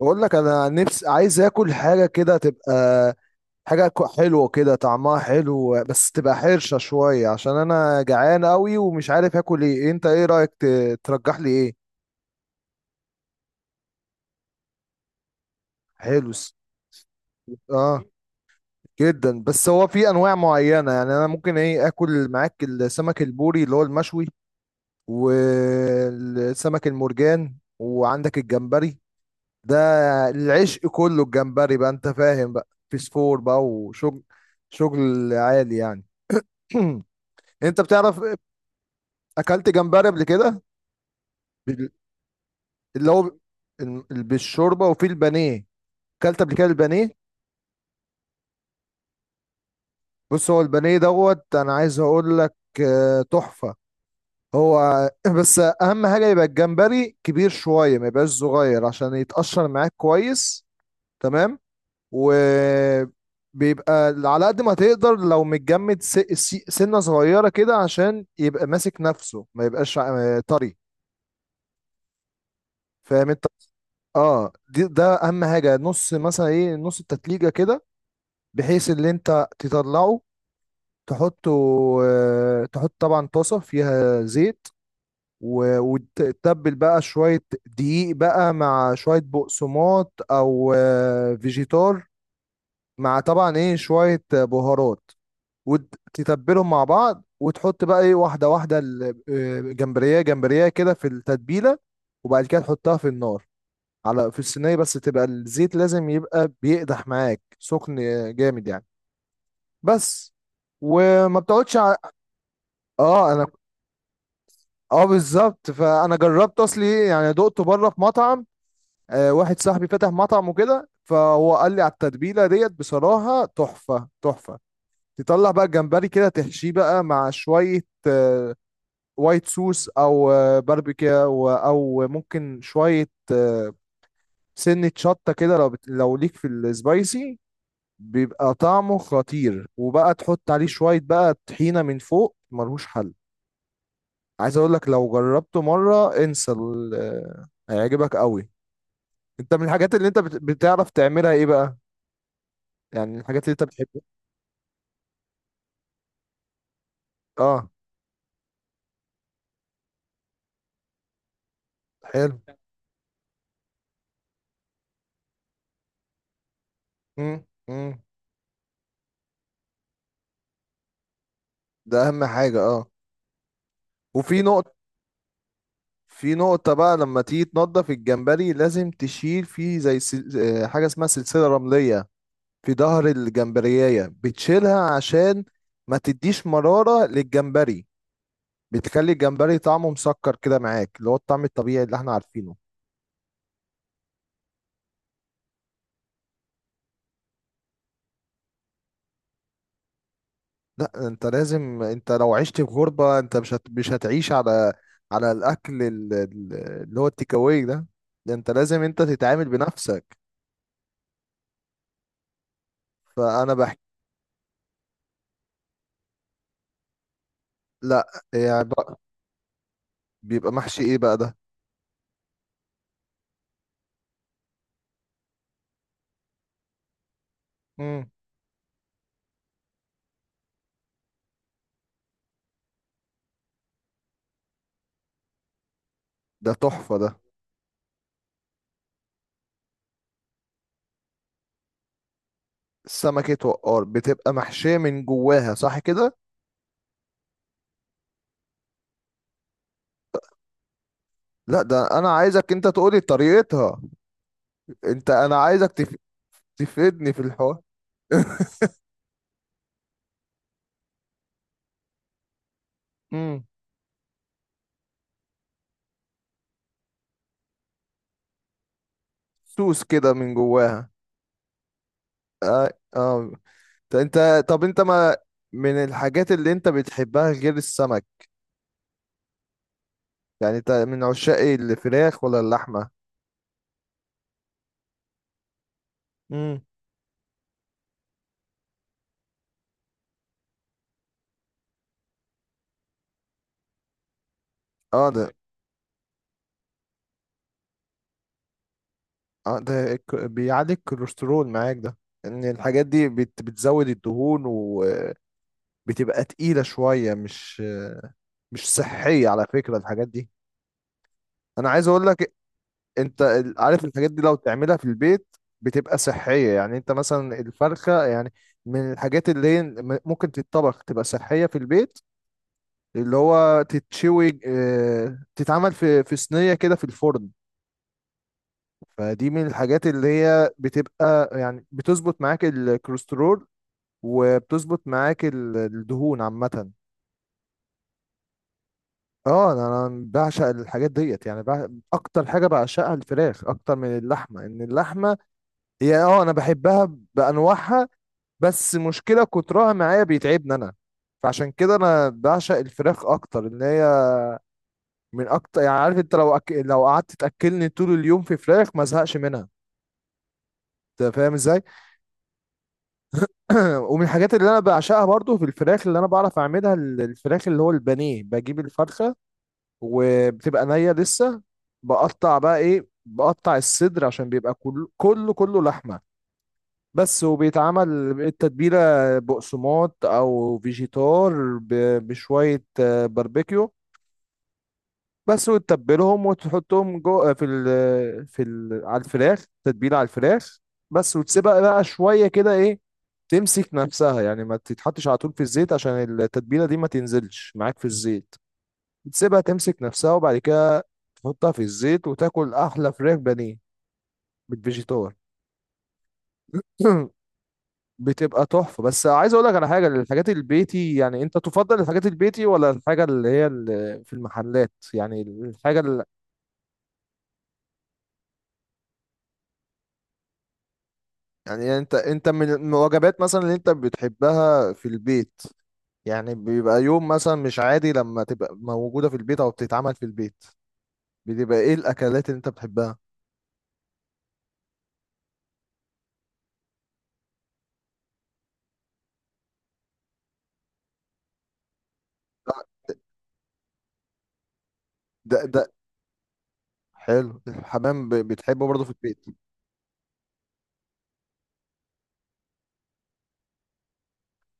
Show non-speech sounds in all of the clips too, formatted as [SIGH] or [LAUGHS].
بقول لك انا نفسي عايز اكل حاجه كده تبقى حاجه حلوه كده، طعمها حلو بس تبقى حرشه شويه، عشان انا جعان قوي ومش عارف اكل ايه. انت ايه رايك، ترجح لي ايه؟ حلو. اه، جدا. بس هو في انواع معينه، يعني انا ممكن ايه اكل معاك السمك البوري اللي هو المشوي. والسمك المرجان، وعندك الجمبري ده العشق كله. الجمبري بقى، انت فاهم بقى، فسفور بقى وشغل، شغل عالي يعني. [CLEARS THROAT] انت بتعرف، اكلت جمبري قبل كده؟ بال- اللي هو بالشوربه وفي البانيه. اكلت قبل كده البانيه؟ بص، هو البانيه دوت، انا عايز اقول لك، تحفه. هو [LAUGHS] [CLEARS THROAT] بس اهم حاجه يبقى الجمبري كبير شويه، ما يبقاش صغير، عشان يتقشر معاك كويس. تمام. وبيبقى على قد ما تقدر لو متجمد، سنة صغيرة كده، عشان يبقى ماسك نفسه، ما يبقاش طري. فاهم انت؟ اه، ده اهم حاجة. نص، مثلا نص التتليجة كده، بحيث اللي انت تطلعه، تحطه، تحط طبعا طاسة فيها زيت، وتتبل بقى شوية دقيق بقى مع شوية بقسماط أو فيجيتار، مع طبعا شوية بهارات. وتتبلهم مع بعض، وتحط بقى واحده واحده جمبريه جمبريه كده في التتبيله. وبعد كده تحطها في النار، على في الصينيه، بس تبقى الزيت لازم يبقى بيقدح معاك، سخن جامد يعني. بس. وما بتقعدش اه، انا. اه، بالظبط. فانا جربت اصلي، يعني دقته بره في مطعم. واحد صاحبي فتح مطعم وكده، فهو قال لي على التتبيله ديت، بصراحه تحفه تحفه. تطلع بقى الجمبري كده، تحشيه بقى مع شويه آه، وايت صوص، او باربيكا، او ممكن شويه، سنه شطه كده، لو ليك في السبايسي. بيبقى طعمه خطير. وبقى تحط عليه شويه بقى طحينه من فوق، ملهوش حل. عايز اقول لك، لو جربته مره انسى، هيعجبك قوي. انت، من الحاجات اللي انت بتعرف تعملها ايه بقى؟ يعني الحاجات اللي انت بتحبها. اه، حلو. امم. امم. ده اهم حاجه، اه. وفي نقطه في نقطة بقى، لما تيجي تنضف الجمبري لازم تشيل فيه، زي سل... آه، حاجة اسمها سلسلة رملية في ظهر الجمبرياية، بتشيلها عشان ما تديش مرارة للجمبري. بتخلي الجمبري طعمه مسكر كده معاك، اللي هو الطعم الطبيعي اللي احنا عارفينه. لا، انت لو عشت في غربة، انت مش هتعيش على الاكل، اللي هو التيك اواي ده. ده انت لازم انت تتعامل بنفسك. فانا بحكي. لا، يعني بقى، بيبقى محشي ايه بقى؟ ده ده تحفة ده. سمكة وقار بتبقى محشية من جواها، صح كده؟ لا، ده أنا عايزك أنت تقولي طريقتها. أنت، أنا عايزك تفيدني في الحوار. [LAUGHS] امم سوس كده من جواها. آه. آه. ط- أنت طب أنت، ما من الحاجات اللي أنت بتحبها غير السمك؟ يعني أنت من عشاق الفراخ ولا اللحمة؟ امم. اه، ده بيعلي الكوليسترول معاك ده، ان الحاجات دي بتزود الدهون، وبتبقى تقيلة شوية، مش صحية على فكرة الحاجات دي. انا عايز اقول لك، انت عارف الحاجات دي لو تعملها في البيت بتبقى صحية، يعني انت مثلا الفرخة يعني، من الحاجات اللي هي ممكن تتطبخ تبقى صحية في البيت، اللي هو تتشوي، تتعمل في صينية كده في الفرن. فدي من الحاجات اللي هي بتبقى، يعني بتظبط معاك الكوليسترول، وبتظبط معاك الدهون عامة. اه، انا بعشق الحاجات ديت، يعني اكتر حاجه بعشقها الفراخ اكتر من اللحمه، ان اللحمه هي، انا بحبها بانواعها. بس مشكله كترها معايا بيتعبني انا. فعشان كده انا بعشق الفراخ اكتر، ان هي من اكتر يعني. عارف انت، لو لو قعدت تاكلني طول اليوم في فراخ ما ازهقش منها. انت فاهم ازاي؟ [CLEARS THROAT] ومن الحاجات اللي انا بعشقها برضو في الفراخ، اللي انا بعرف اعملها، الفراخ اللي هو البانيه، بجيب الفرخه، وبتبقى نية لسه. بقطع بقى ايه بقطع الصدر، عشان بيبقى كله كله كله لحمة بس، وبيتعمل التتبيلة بقسماط او فيجيتار، بشوية باربيكيو بس، وتتبلهم وتحطهم جوه في ال في ال على الفراخ، تتبيلة على الفراخ بس، وتسيبها بقى شوية كده، تمسك نفسها، يعني ما تتحطش على طول في الزيت، عشان التتبيلة دي ما تنزلش معاك في الزيت، بتسيبها تمسك نفسها، وبعد كده تحطها في الزيت، وتاكل احلى فراخ بانيه بالفيجيتار. [LAUGHS] [CLEARS THROAT] بتبقى تحفه. بس عايز اقول لك على حاجه، الحاجات البيتي يعني، انت تفضل الحاجات البيتي ولا الحاجه اللي هي اللي في المحلات، يعني الحاجه اللي، يعني انت، من الوجبات مثلا اللي انت بتحبها في البيت، يعني بيبقى يوم مثلا مش عادي لما تبقى موجوده في البيت او بتتعمل في البيت، بتبقى ايه الاكلات اللي انت بتحبها؟ ده حلو، الحمام، بتحبه برضه في البيت؟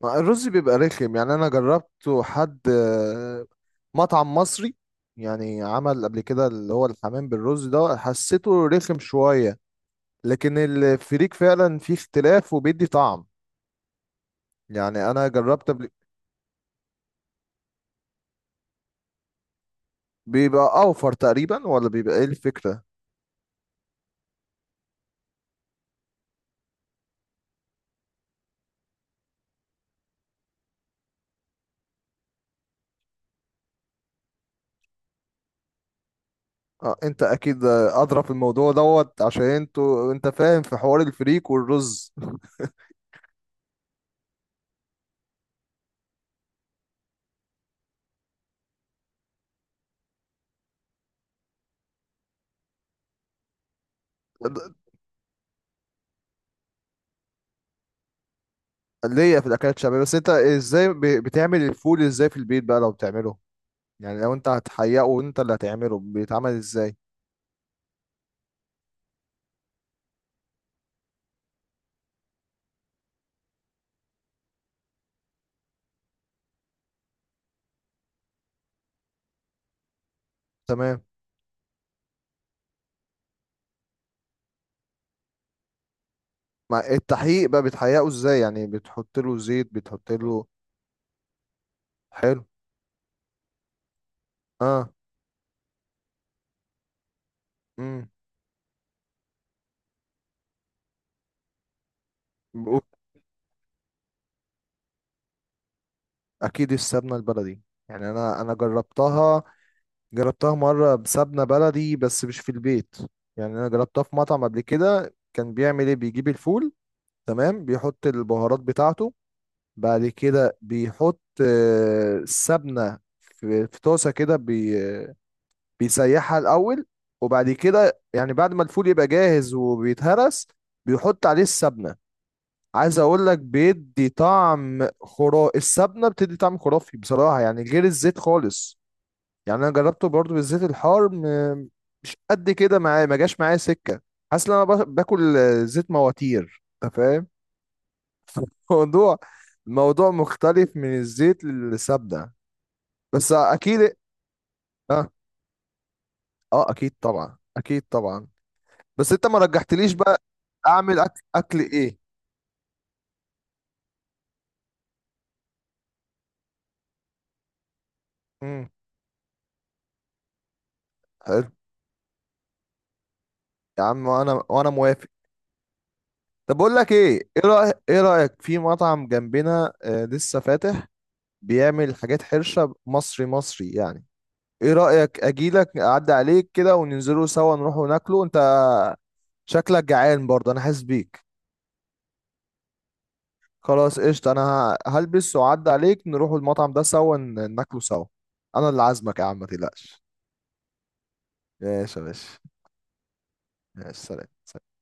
ما الرز بيبقى رخم يعني، انا جربته حد مطعم مصري، يعني عمل قبل كده اللي هو الحمام بالرز ده، حسيته رخم شوية. لكن الفريك فعلا فيه اختلاف وبيدي طعم، يعني انا جربت قبل. بيبقى اوفر تقريبا ولا بيبقى ايه الفكرة؟ اه، انت اكيد ادرى في الموضوع دوت، عشان انت فاهم في حوار الفريك والرز. [LAUGHS] ليا في الاكلات الشعبية. بس انت ازاي، بتعمل الفول ازاي في البيت بقى، لو بتعمله؟ يعني لو انت هتحققه، وانت اللي هتعمله، بيتعمل ازاي؟ تمام. ما التحقيق بقى، بتحققه ازاي يعني؟ بتحط له زيت، بتحط له. حلو، اه. امم. اكيد السمنه البلدي، يعني انا جربتها مره بسمنه بلدي، بس مش في البيت. يعني انا جربتها في مطعم قبل كده، كان بيعمل بيجيب الفول. تمام، بيحط البهارات بتاعته. بعد كده بيحط السمنه في طاسه كده، بيسيحها الاول، وبعد كده يعني بعد ما الفول يبقى جاهز وبيتهرس، بيحط عليه السبنه. عايز اقول لك، بيدي طعم خرافي، السبنه بتدي طعم خرافي بصراحه، يعني غير الزيت خالص. يعني انا جربته برضو بالزيت الحار، مش قد كده معايا، ما جاش معايا سكه. حاسس ان انا باكل زيت مواتير، انت فاهم؟ [LAUGHS] الموضوع الموضوع مختلف من الزيت للسبنه، بس اكيد. اه، اه، اكيد طبعا، اكيد طبعا. بس انت ما رجحتليش بقى، اعمل اكل ايه؟ امم. حلو يا عم، وانا موافق. طب بقول لك ايه، ايه رايك في مطعم جنبنا، آه، لسه فاتح، بيعمل حاجات حرشه، مصري مصري يعني. ايه رايك اجيلك اعدي عليك كده وننزلوا سوا نروحوا ناكله. انت شكلك جعان برضه، انا حاسس بيك. خلاص قشطه. انا هلبس واعدي عليك، نروحوا المطعم ده سوا، ناكله سوا. انا اللي عازمك يا عم، ما تقلقش. ماشي يا باشا. ماشي. سلام.